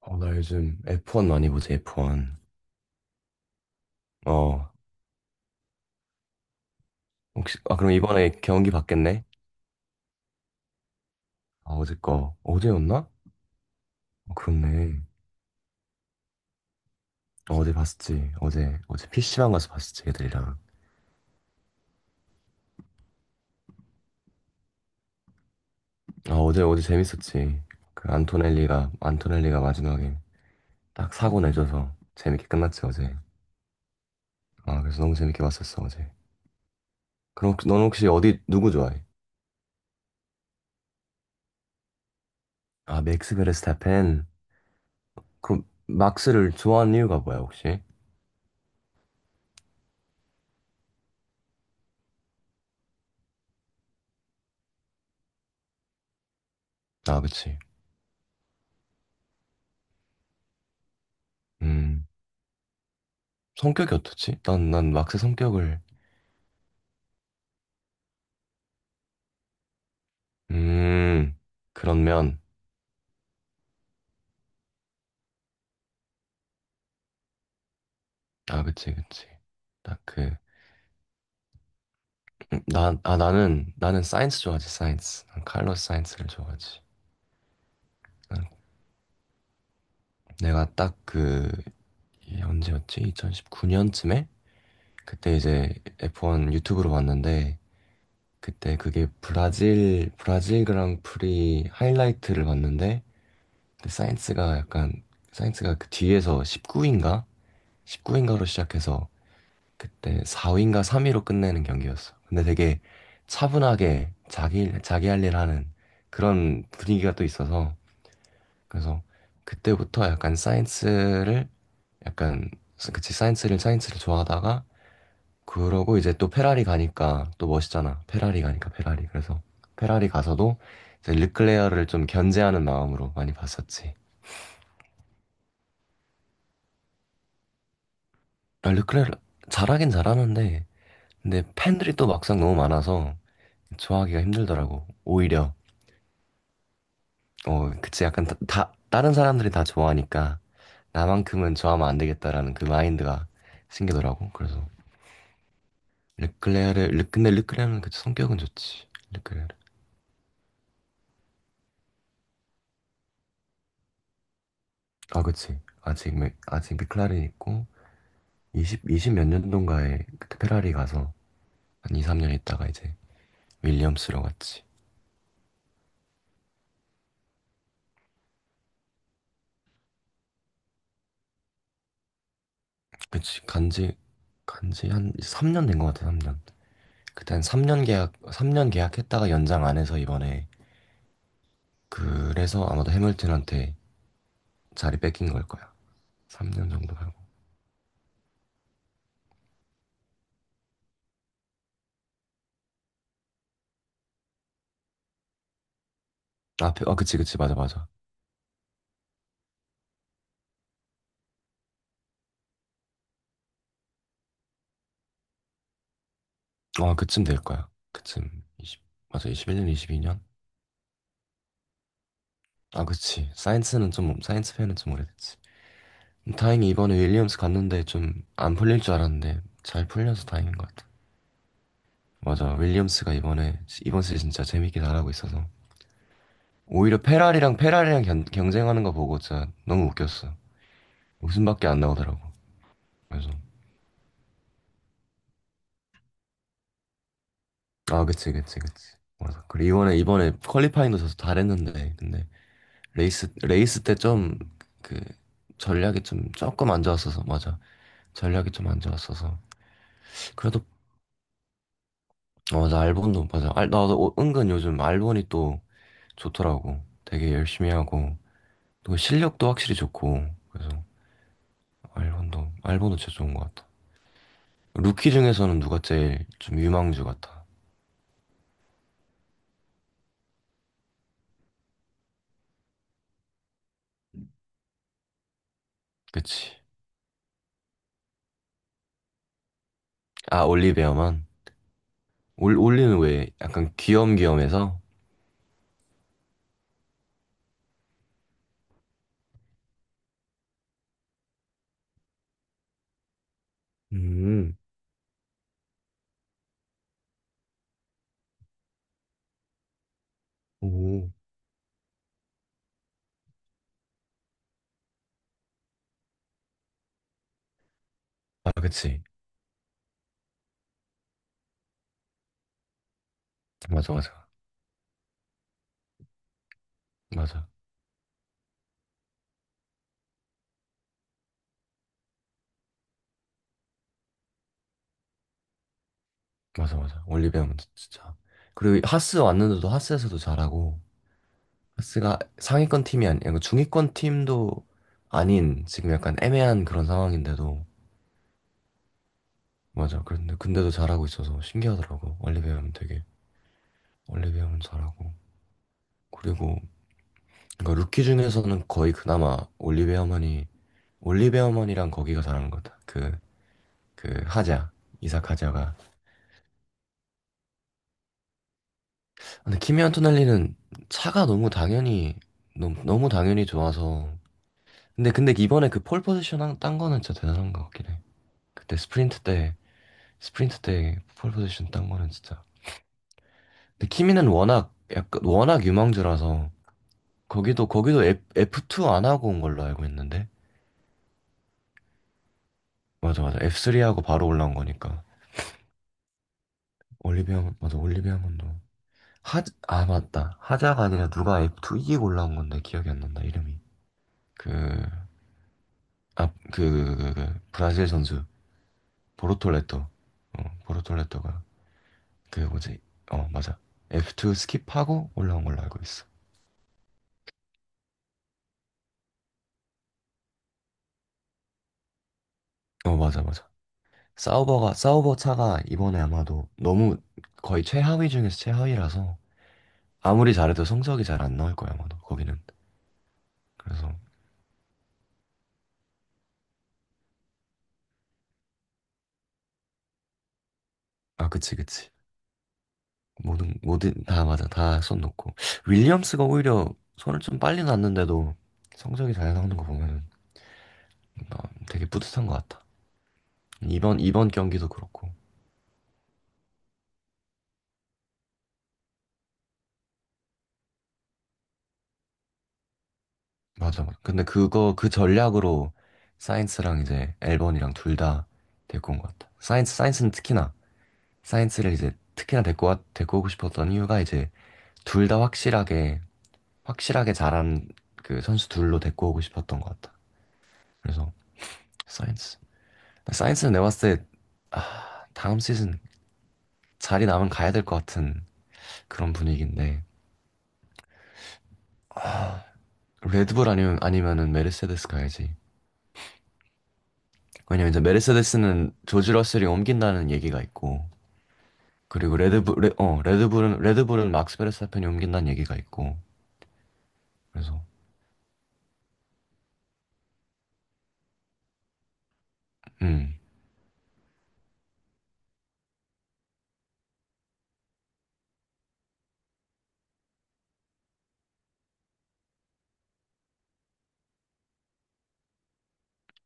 어, 나 요즘 F1 많이 보지, F1. 어, 혹시, 그럼 이번에 경기 봤겠네? 아, 어제 거. 어제였나? 어, 그렇네. 어, 어제 봤었지. 어제 PC방 가서 봤었지, 애들이랑. 아, 어제 재밌었지. 안토넬리가 마지막에 딱 사고 내줘서 재밌게 끝났지, 어제. 아, 그래서 너무 재밌게 봤었어, 어제. 그럼 너는 혹시 어디, 누구 좋아해? 아, 맥스 베르스타펜. 그럼, 막스를 좋아하는 이유가 뭐야, 혹시? 아, 그치. 음, 성격이 어떻지? 난 막스 성격을. 음, 그런 면. 아, 그치, 그치. 딱 나는 사이언스 좋아하지, 사이언스. 난 칼럼 사이언스를 좋아하지. 난 내가 딱 이 언제였지? 2019년쯤에? 그때 이제 F1 유튜브로 봤는데, 그때 그게 브라질 그랑프리 하이라이트를 봤는데, 근데 사이언스가 그 뒤에서 19인가? 19인가로 시작해서 그때 4위인가 3위로 끝내는 경기였어. 근데 되게 차분하게 자기 할 일 하는 그런 분위기가 또 있어서 그래서 그때부터 약간 사이언스를 약간 그치 사이언스를 좋아하다가 그러고 이제 또 페라리 가니까 또 멋있잖아. 페라리 가니까 페라리. 그래서 페라리 가서도 이제 르클레어를 좀 견제하는 마음으로 많이 봤었지. 아, 르클레어 잘하긴 잘하는데 근데 팬들이 또 막상 너무 많아서 좋아하기가 힘들더라고. 오히려 어, 그치. 약간 다른 사람들이 다 좋아하니까 나만큼은 좋아하면 안 되겠다라는 그 마인드가 생기더라고. 그래서 근데 르클레르는 그치. 성격은 좋지. 르클레르. 아, 그치. 아직 맥클라렌 있고 이십 몇 년도인가에 그때 페라리 가서 한 2, 3년 있다가 이제 윌리엄스로 갔지. 그치. 간지 한 3년 된 것 같아, 3년. 그때 한 3년 계약, 3년 계약했다가 연장 안 해서 이번에 그래서 아마도 해밀턴한테 자리 뺏긴 걸 거야. 3년 정도 하고. 아, 그치, 그치, 맞아, 맞아. 아, 그쯤 될 거야. 그쯤 이십 맞아, 21년, 22년? 아, 그치. 사이언스 팬은 좀 오래됐지. 다행히 이번에 윌리엄스 갔는데 좀 안 풀릴 줄 알았는데 잘 풀려서 다행인 것 같아. 맞아, 윌리엄스가 이번 시즌 진짜 재밌게 잘하고 있어서. 오히려 페라리랑 경쟁하는 거 보고 진짜 너무 웃겼어. 웃음밖에 안 나오더라고. 그래서. 아, 그치, 그치, 그치. 맞아. 그리고 이번에 퀄리파잉도 져서 잘했는데, 근데. 레이스 때 좀 그 전략이 좀 조금 안 좋았어서 맞아. 전략이 좀 안 좋았어서 그래도 어, 맞아, 알본도 맞아, 나도 은근 요즘 알본이 또 좋더라고. 되게 열심히 하고 또 실력도 확실히 좋고 그래서 알본도 진짜 좋은 것 같아. 루키 중에서는 누가 제일 좀 유망주 같아? 그치. 아, 올리베어만. 올 올리는 왜 약간 귀염귀염해서. 음, 오. 아, 그치. 맞아, 맞아. 맞아. 맞아, 맞아. 올리베어는 진짜. 그리고 하스 왔는데도 하스에서도 잘하고, 하스가 상위권 팀이 아니고 중위권 팀도 아닌 지금 약간 애매한 그런 상황인데도, 맞아. 근데도 잘하고 있어서 신기하더라고. 올리베어는 잘하고. 그리고, 루키 중에서는 거의 그나마 올리베어만이랑 거기가 잘하는 것 같아. 하자. 이삭 하자가. 근데 키미 안토넬리는 차가 너무 당연히 좋아서, 근데 이번에 그 폴 포지션 딴 거는 진짜 대단한 것 같긴 해. 그때 스프린트 때 폴 포지션 딴 거는 진짜. 근데 키미는 워낙 약간 워낙 유망주라서 거기도 F2 안 하고 온 걸로 알고 있는데. 맞아, 맞아. F3 하고 바로 올라온 거니까. 올리비아 맞아, 올리비아 건도. 아, 맞다. 하자가 아니라 누가 F2 이기고 올라온 건데 기억이 안 난다 이름이. 그, 그 브라질 선수 보르톨레토. 어, 보르톨레토가 그 뭐지? 어, 맞아. F2 스킵하고 올라온 걸로 알고 있어. 어, 맞아, 맞아. 사우버 차가 이번에 아마도 너무 거의 최하위 중에서 최하위라서 아무리 잘해도 성적이 잘 안 나올 거야, 아마도. 거기는. 그래서, 아, 그치, 그치. 다 맞아. 다 손놓고. 윌리엄스가 오히려 손을 좀 빨리 놨는데도 성적이 잘 나오는 거 보면은 나 되게 뿌듯한 것 같아. 이번 경기도 그렇고. 맞아. 맞아. 근데 그거 그 전략으로 사이언스랑 이제 앨범이랑 둘 다 데리고 온 것 같아. 사이언스는 특히나 사이언스를 이제 특히나 데리고 오고 싶었던 이유가 이제 둘 다 확실하게 잘한 그 선수 둘로 데리고 오고 싶었던 것 같아. 그래서 사이언스 사이언스는 내가 봤을 때 아, 다음 시즌 자리 남은 가야 될 것 같은 그런 분위기인데 레드불 아니면은 메르세데스 가야지. 왜냐면 이제 메르세데스는 조지 러셀이 옮긴다는 얘기가 있고 그리고 레드불은 막스 베르스타펜이 옮긴다는 얘기가 있고, 그래서, 음,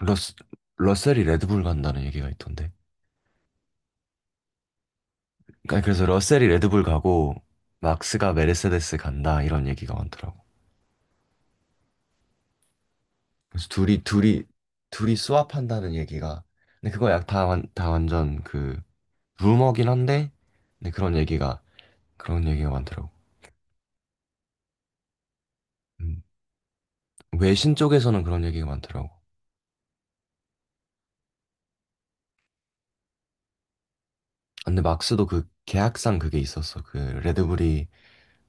러스, 러셀이 레드불 간다는 얘기가 있던데. 그러니까 그래서 러셀이 레드불 가고, 막스가 메르세데스 간다, 이런 얘기가 많더라고. 그래서 둘이 스왑한다는 얘기가, 근데 그거 다 완전 루머긴 한데, 근데 그런 얘기가 많더라고. 음, 외신 쪽에서는 그런 얘기가 많더라고. 근데 막스도 그 계약상 그게 있었어. 그 레드불이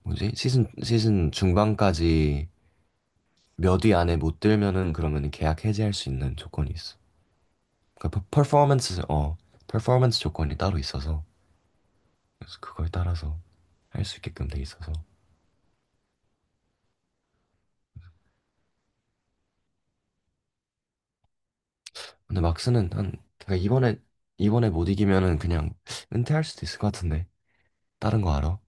뭐지? 시즌 중반까지 몇 위 안에 못 들면은 그러면 계약 해지할 수 있는 조건이 있어. 그러니까 퍼포먼스 퍼포먼스 조건이 따로 있어서 그래서 그걸 따라서 할 수 있게끔 돼 있어서. 근데 막스는 한 그러니까 이번에 못 이기면은 그냥 은퇴할 수도 있을 것 같은데 다른 거 알아?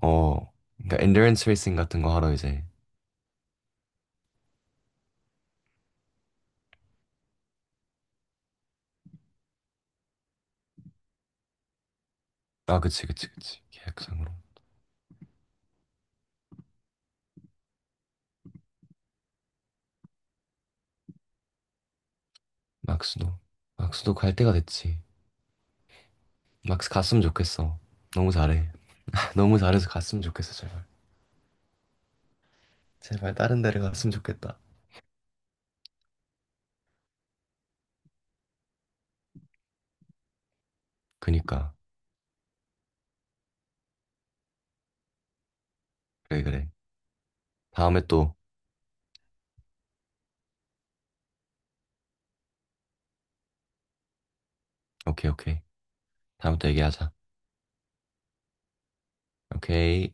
어, 그러니까 엔드런스 레이싱 같은 거 하러 이제 아, 그치, 그치, 그치. 계약상으로 막스도 막스도 갈 때가 됐지. 막스 갔으면 좋겠어. 너무 잘해. 너무 잘해서 갔으면 좋겠어, 제발. 제발 다른 데를 갔으면 좋겠다. 그니까. 그래, 그래. 다음에 또, 오케이, 오케이. 다음에 또 얘기하자. 오케이.